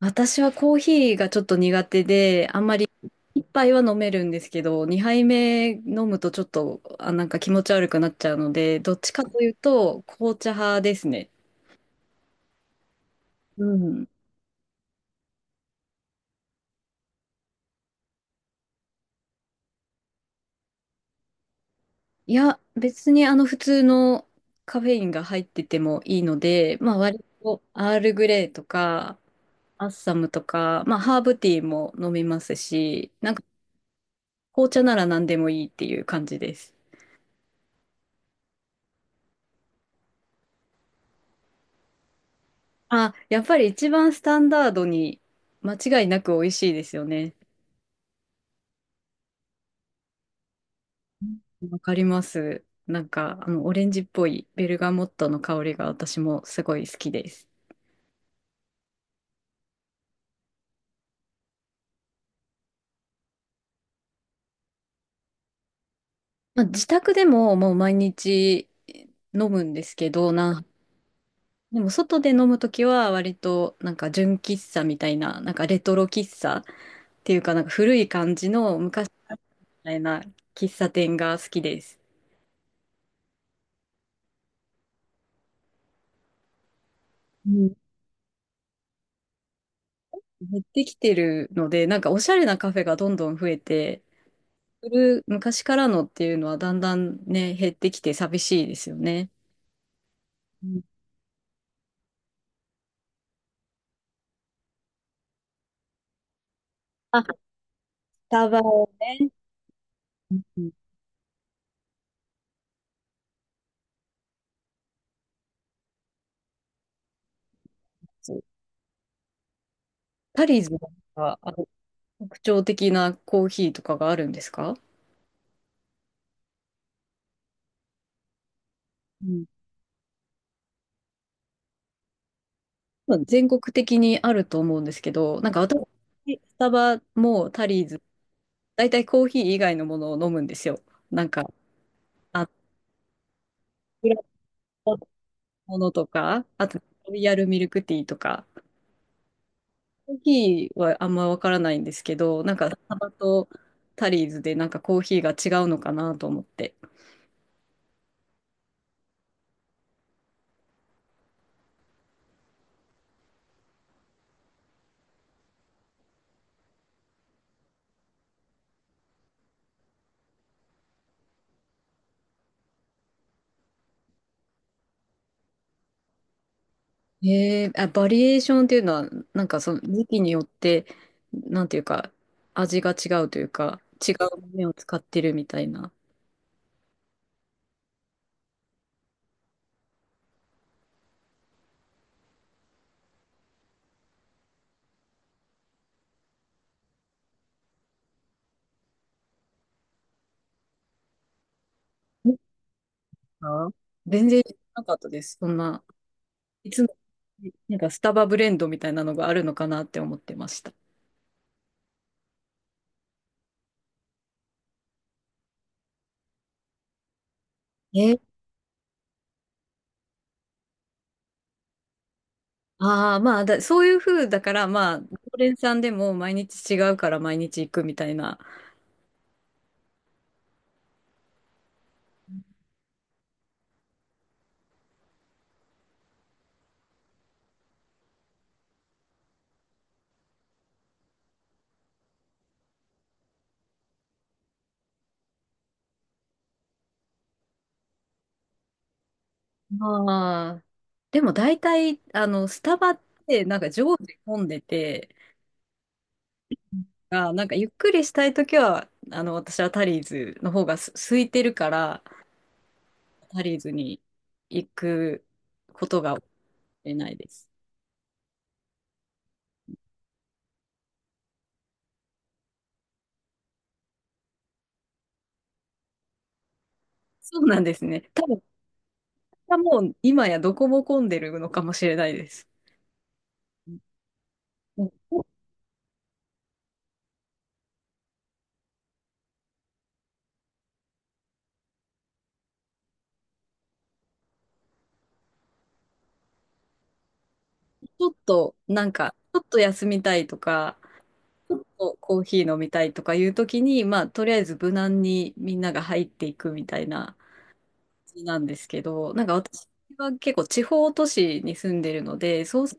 私はコーヒーがちょっと苦手で、あんまり、一杯は飲めるんですけど、二杯目飲むとちょっと、あ、なんか気持ち悪くなっちゃうので、どっちかというと紅茶派ですね。うん。いや、別にあの普通のカフェインが入っててもいいので、まあ割とアールグレイとかアッサムとか、まあハーブティーも飲みますし、なんか紅茶なら何でもいいっていう感じです。あ、やっぱり一番スタンダードに間違いなく美味しいですよね。わかります。なんか、あの、オレンジっぽいベルガモットの香りが私もすごい好きです。まあ、自宅でももう毎日飲むんですけど、でも外で飲むときは割となんか純喫茶みたいな、なんかレトロ喫茶っていうかなんか古い感じの昔みたいな喫茶店が好きです。うん、減ってきてるので、なんかおしゃれなカフェがどんどん増えて、する昔からのっていうのはだんだんね、減ってきて寂しいですよね。うん。あ、スタバをね、うんうん。そう、タリーズのなんかあの特徴的なコーヒーとかがあるんですか？うん。多分全国的にあると思うんですけど、なんか私、スタバもタリーズ、大体コーヒー以外のものを飲むんですよ。なんか、あ、ブラックのものとか、あと、ロイヤルミルクティーとか。コーヒーはあんまわからないんですけど、なんかスタバとタリーズでなんかコーヒーが違うのかなと思って。あ、バリエーションっていうのは、なんかその時期によって、なんていうか、味が違うというか、違う豆を使ってるみたいな。あ、全然知らなかったです。そんな、いつも、なんかスタバブレンドみたいなのがあるのかなって思ってました。えああ、まあだ、そういう風だから、まあ、常連さんでも毎日違うから毎日行くみたいな。ああ。でも大体、あの、スタバって、なんか常時混んでて、あ、なんかゆっくりしたいときは、あの、私はタリーズの方がす空いてるから、タリーズに行くことが多いないです。そうなんですね。多分、もう今やどこも混んでるのかもしれないです。うん。ちょっと、なんか、ちょっと休みたいとか、ちょっとコーヒー飲みたいとかいうときに、まあ、とりあえず無難にみんなが入っていくみたいな。なんですけど、なんか私は結構地方都市に住んでるので、そうす、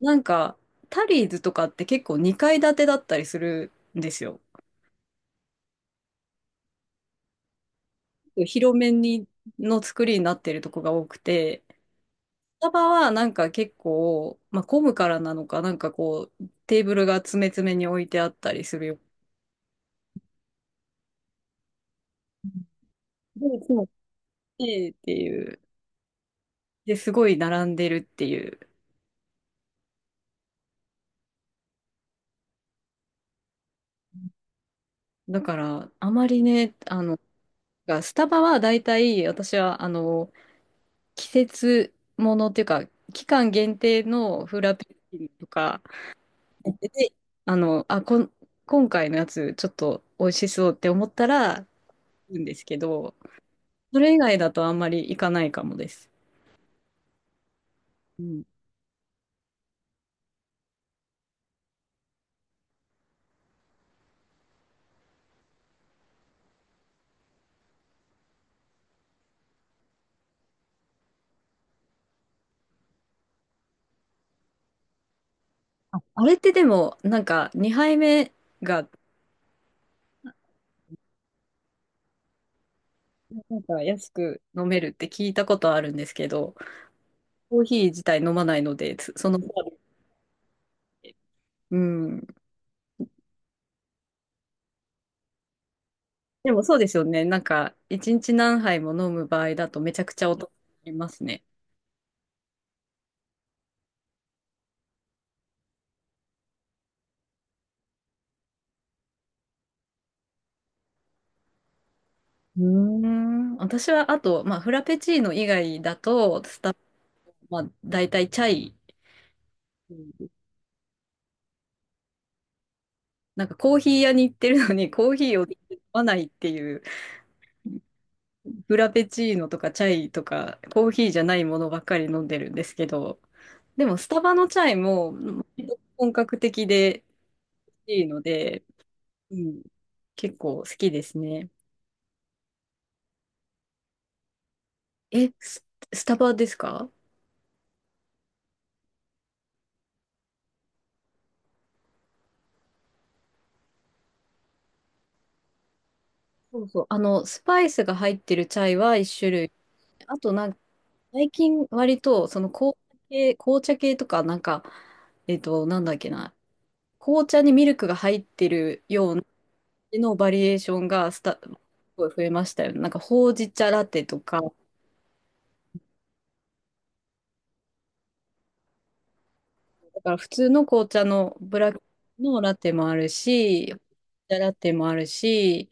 なんかタリーズとかって結構2階建てだったりするんですよ。広めにの作りになってるとこが多くて、スタバはなんか結構、まあ、混むからなのか、なんかこう、テーブルが詰め詰めに置いてあったりするよ。で、いつも来てっていう。で、すごい並んでるっていう。だから、あまりね、あの、がスタバは大体私はあの季節ものっていうか、期間限定のフラペチーノとかやってて、あの、今回のやつちょっと美味しそうって思ったら、行くんですけど、それ以外だとあんまり行かないかもです。うん。あ、あれってでも、なんか2杯目がなんか安く飲めるって聞いたことあるんですけど、コーヒー自体飲まないので、そのサービスで。うん。でもそうですよね。なんか、一日何杯も飲む場合だとめちゃくちゃお得になりますね。うーん。私は、あと、まあ、フラペチーノ以外だと、まあ、大体チャイ。うん。なんかコーヒー屋に行ってるのにコーヒーを飲まないっていう、フラペチーノとかチャイとかコーヒーじゃないものばっかり飲んでるんですけど、でもスタバのチャイも割と本格的でいいので、うん、結構好きですね。え、ス、スタバですか？そうそう。あの、スパイスが入ってるチャイは一種類。あとなんか最近割とその紅茶系とかなんか、なんだっけな、紅茶にミルクが入ってるようなのバリエーションがすごい増えましたよね。なんかほうじ茶ラテとか、だから普通の紅茶のブラックのラテもあるし、紅茶ラテもあるし、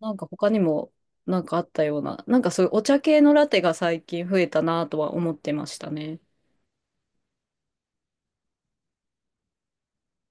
なんか他にもなんかあったような、なんかそういうお茶系のラテが最近増えたなとは思ってましたね。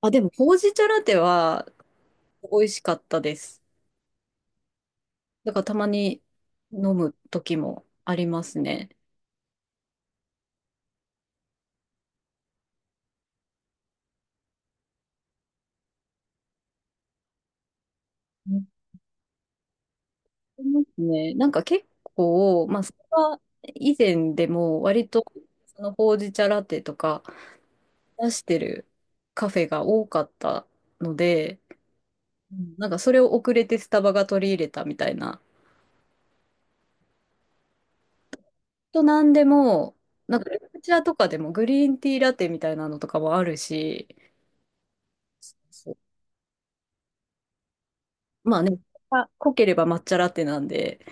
あ、でもほうじ茶ラテは美味しかったです。だからたまに飲む時もありますね。うん。ありますね。なんか結構、まあ、それは以前でも割とそのほうじ茶ラテとか出してるカフェが多かったので、うん、なんかそれを遅れてスタバが取り入れたみたいな。となんでも、なんか緑茶とかでもグリーンティーラテみたいなのとかもあるし、そう、まあね、濃ければ抹茶ラテなんで、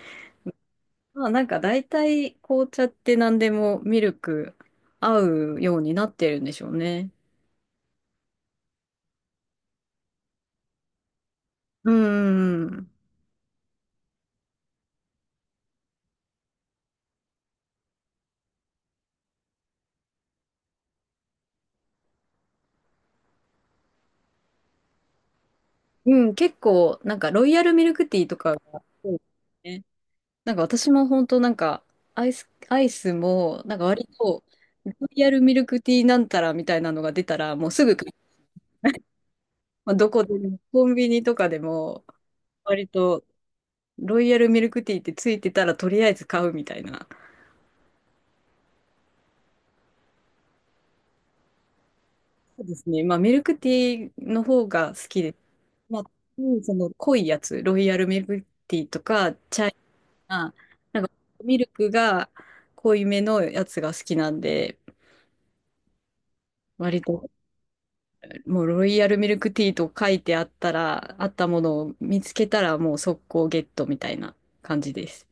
まあなんか大体紅茶って何でもミルク合うようになってるんでしょうね。うん。うん、結構なんかロイヤルミルクティーとかが多いですね。なんか私も本当なんかアイスもなんか割とロイヤルミルクティーなんたらみたいなのが出たらもうすぐ買う、まあ、どこでもコンビニとかでも割とロイヤルミルクティーってついてたらとりあえず買うみたいな。そうですね。まあ、ミルクティーの方が好きで、まあ、うん、その濃いやつ、ロイヤルミルクティーとか、チャイナ、なんかミルクが濃いめのやつが好きなんで、割ともうロイヤルミルクティーと書いてあったら、あったものを見つけたらもう速攻ゲットみたいな感じです。